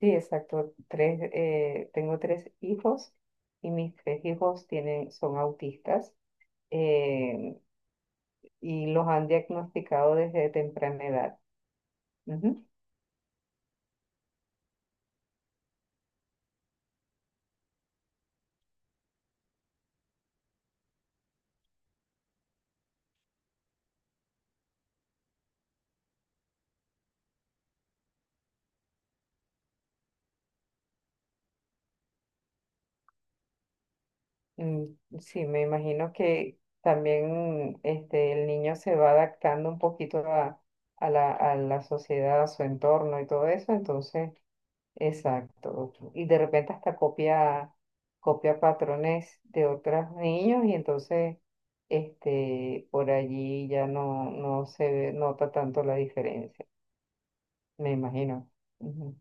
Sí, exacto. Tres, tengo tres hijos y mis tres hijos tienen, son autistas eh, y los han diagnosticado desde temprana edad. Ujú. Mm, sí, me imagino que también este, el niño se va adaptando un poquito a la sociedad, a su entorno y todo eso. Entonces, exacto. Y de repente hasta copia patrones de otros niños y entonces este, por allí ya no nota tanto la diferencia, me imagino. Ujú,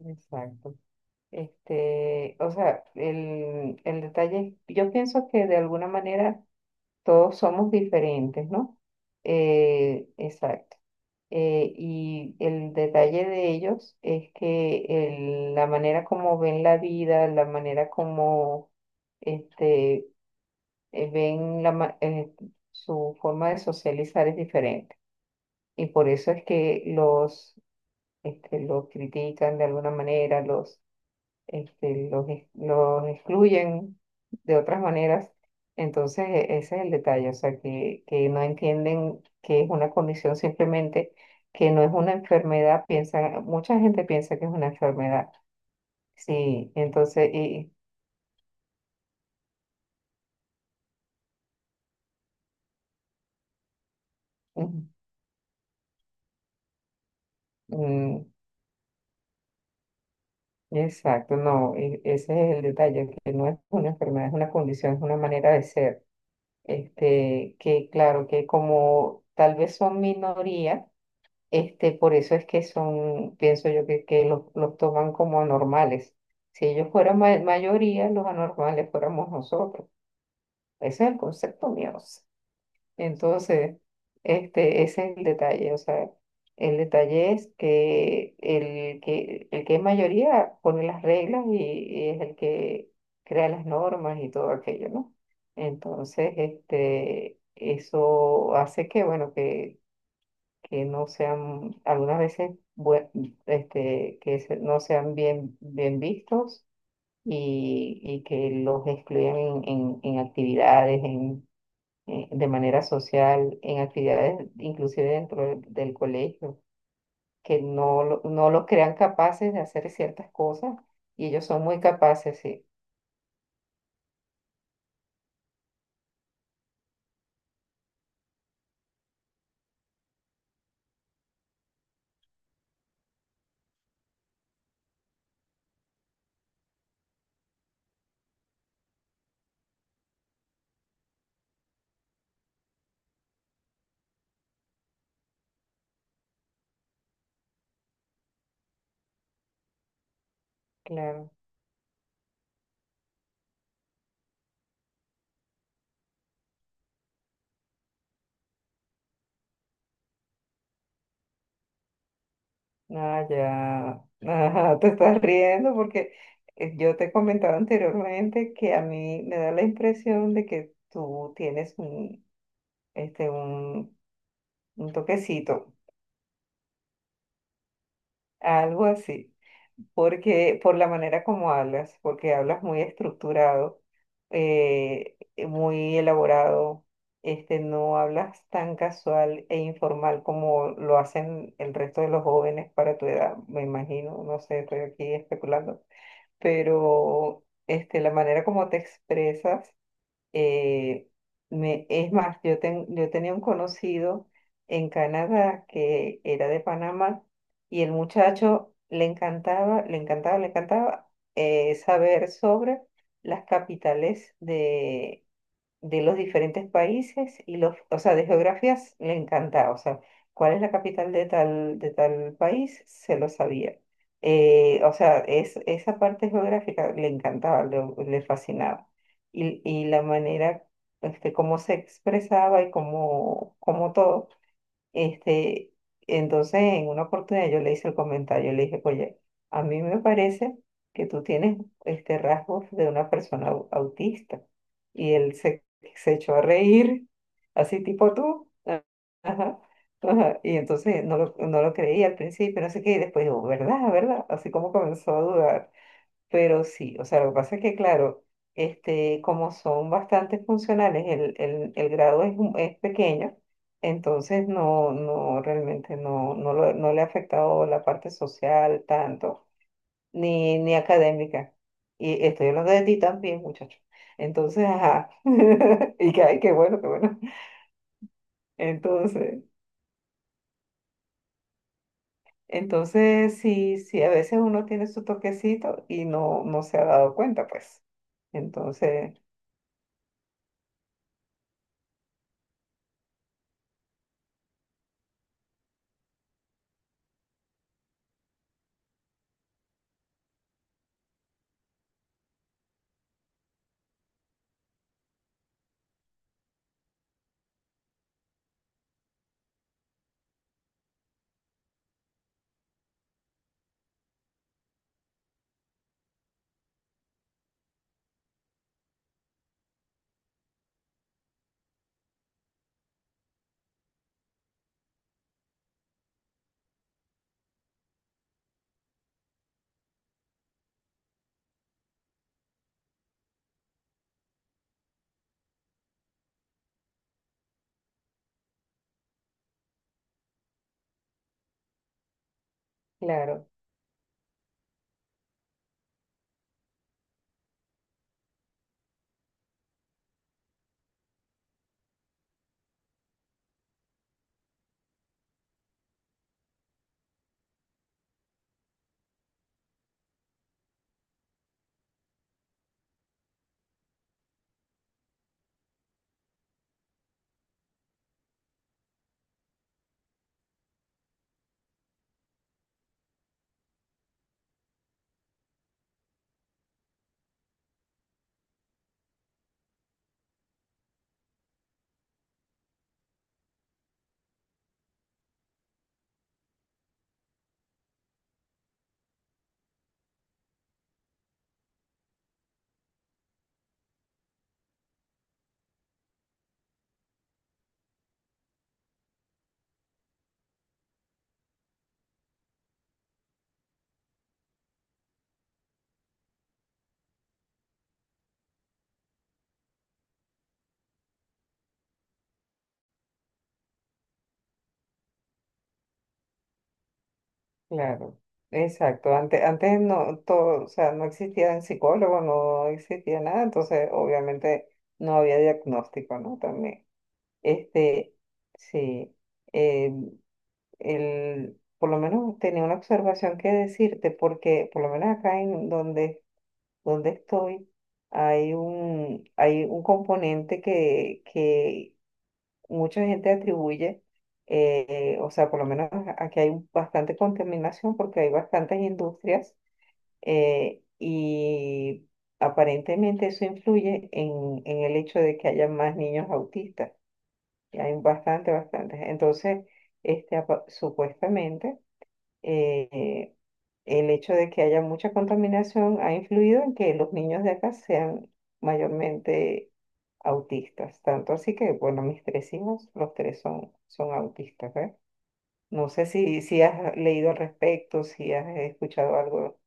exacto. Este, o sea, el detalle, yo pienso que de alguna manera todos somos diferentes, ¿no? Exacto. Y el detalle de ellos es que la manera como ven la vida, la manera como este, ven su forma de socializar es diferente. Y por eso es que los, este, los critican de alguna manera, los este, los, ex- los excluyen de otras maneras. Entonces, ese es el detalle, o sea, que no entienden que es una condición simplemente, que no es una enfermedad, mucha gente piensa que es una enfermedad. Sí, entonces, y, ujú, mm, exacto, no, ese es el detalle, que no es una enfermedad, es una condición, es una manera de ser. Este, que claro, que como tal vez son minoría, este, por eso es que son, pienso yo, que los toman como anormales. Si ellos fueran mayoría, los anormales fuéramos nosotros. Ese es el concepto mío, o sea. Entonces, este, ese es el detalle. O sea, el detalle es que el que es mayoría pone las reglas y es el que crea las normas y todo aquello, ¿no? Entonces, este, eso hace que, bueno, que no sean, algunas veces, este, no sean bien, bien vistos y que los excluyan en, en actividades, en, de manera social, en actividades inclusive dentro del colegio, que no, no los crean capaces de hacer ciertas cosas y ellos son muy capaces, sí, claro. Ah, ya. Ajá, te estás riendo porque yo te comentaba anteriormente que a mí me da la impresión de que tú tienes un, este, un toquecito, algo así, porque por la manera como hablas, porque hablas muy estructurado, eh, muy elaborado, este, no hablas tan casual e informal como lo hacen el resto de los jóvenes para tu edad, me imagino, no sé, estoy aquí especulando, pero este, la manera como te expresas, eh, me, es más, yo, yo tenía un conocido en Canadá que era de Panamá y el muchacho le encantaba, le encantaba, le encantaba saber sobre las capitales de los diferentes países y los, o sea, de geografías le encantaba, o sea, cuál es la capital de tal país, se lo sabía. O sea, esa parte geográfica le encantaba, le fascinaba. Y la manera, este, cómo se expresaba y cómo todo. Este, entonces, en una oportunidad yo le hice el comentario, le dije, oye, a mí me parece que tú tienes este rasgos de una persona autista. Y él se echó a reír, así tipo tú. Ah, ajá, ajá. Y entonces no lo creía al principio, no sé qué, y después digo, ¿verdad? ¿Verdad? Así como comenzó a dudar. Pero sí, o sea, lo que pasa es que, claro, este, como son bastante funcionales, el grado es pequeño, entonces realmente no le ha afectado la parte social tanto, ni académica. Y estoy hablando de ti también, muchacho. Entonces, ajá. Y que, ay, qué bueno, qué bueno. Entonces, entonces, sí, sí, a veces uno tiene su toquecito y no se ha dado cuenta, pues. Entonces, claro. Claro, exacto. Antes, no, todo, o sea, no existían psicólogos, no existía nada, entonces obviamente no había diagnóstico, ¿no? También. Este, sí, eh, el, por lo menos tenía una observación que decirte, porque por lo menos acá en donde estoy hay un componente que mucha gente atribuye, o sea, por lo menos aquí hay bastante contaminación porque hay bastantes industrias y aparentemente eso influye en el hecho de que haya más niños autistas. Y hay bastante, bastante. Entonces, este, supuestamente eh, el hecho de que haya mucha contaminación ha influido en que los niños de acá sean mayormente autistas. Tanto así que, bueno, mis tres hijos, los tres son autistas, ¿eh? No sé si has leído al respecto, si, has escuchado algo.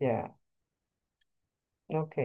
Ya, ok.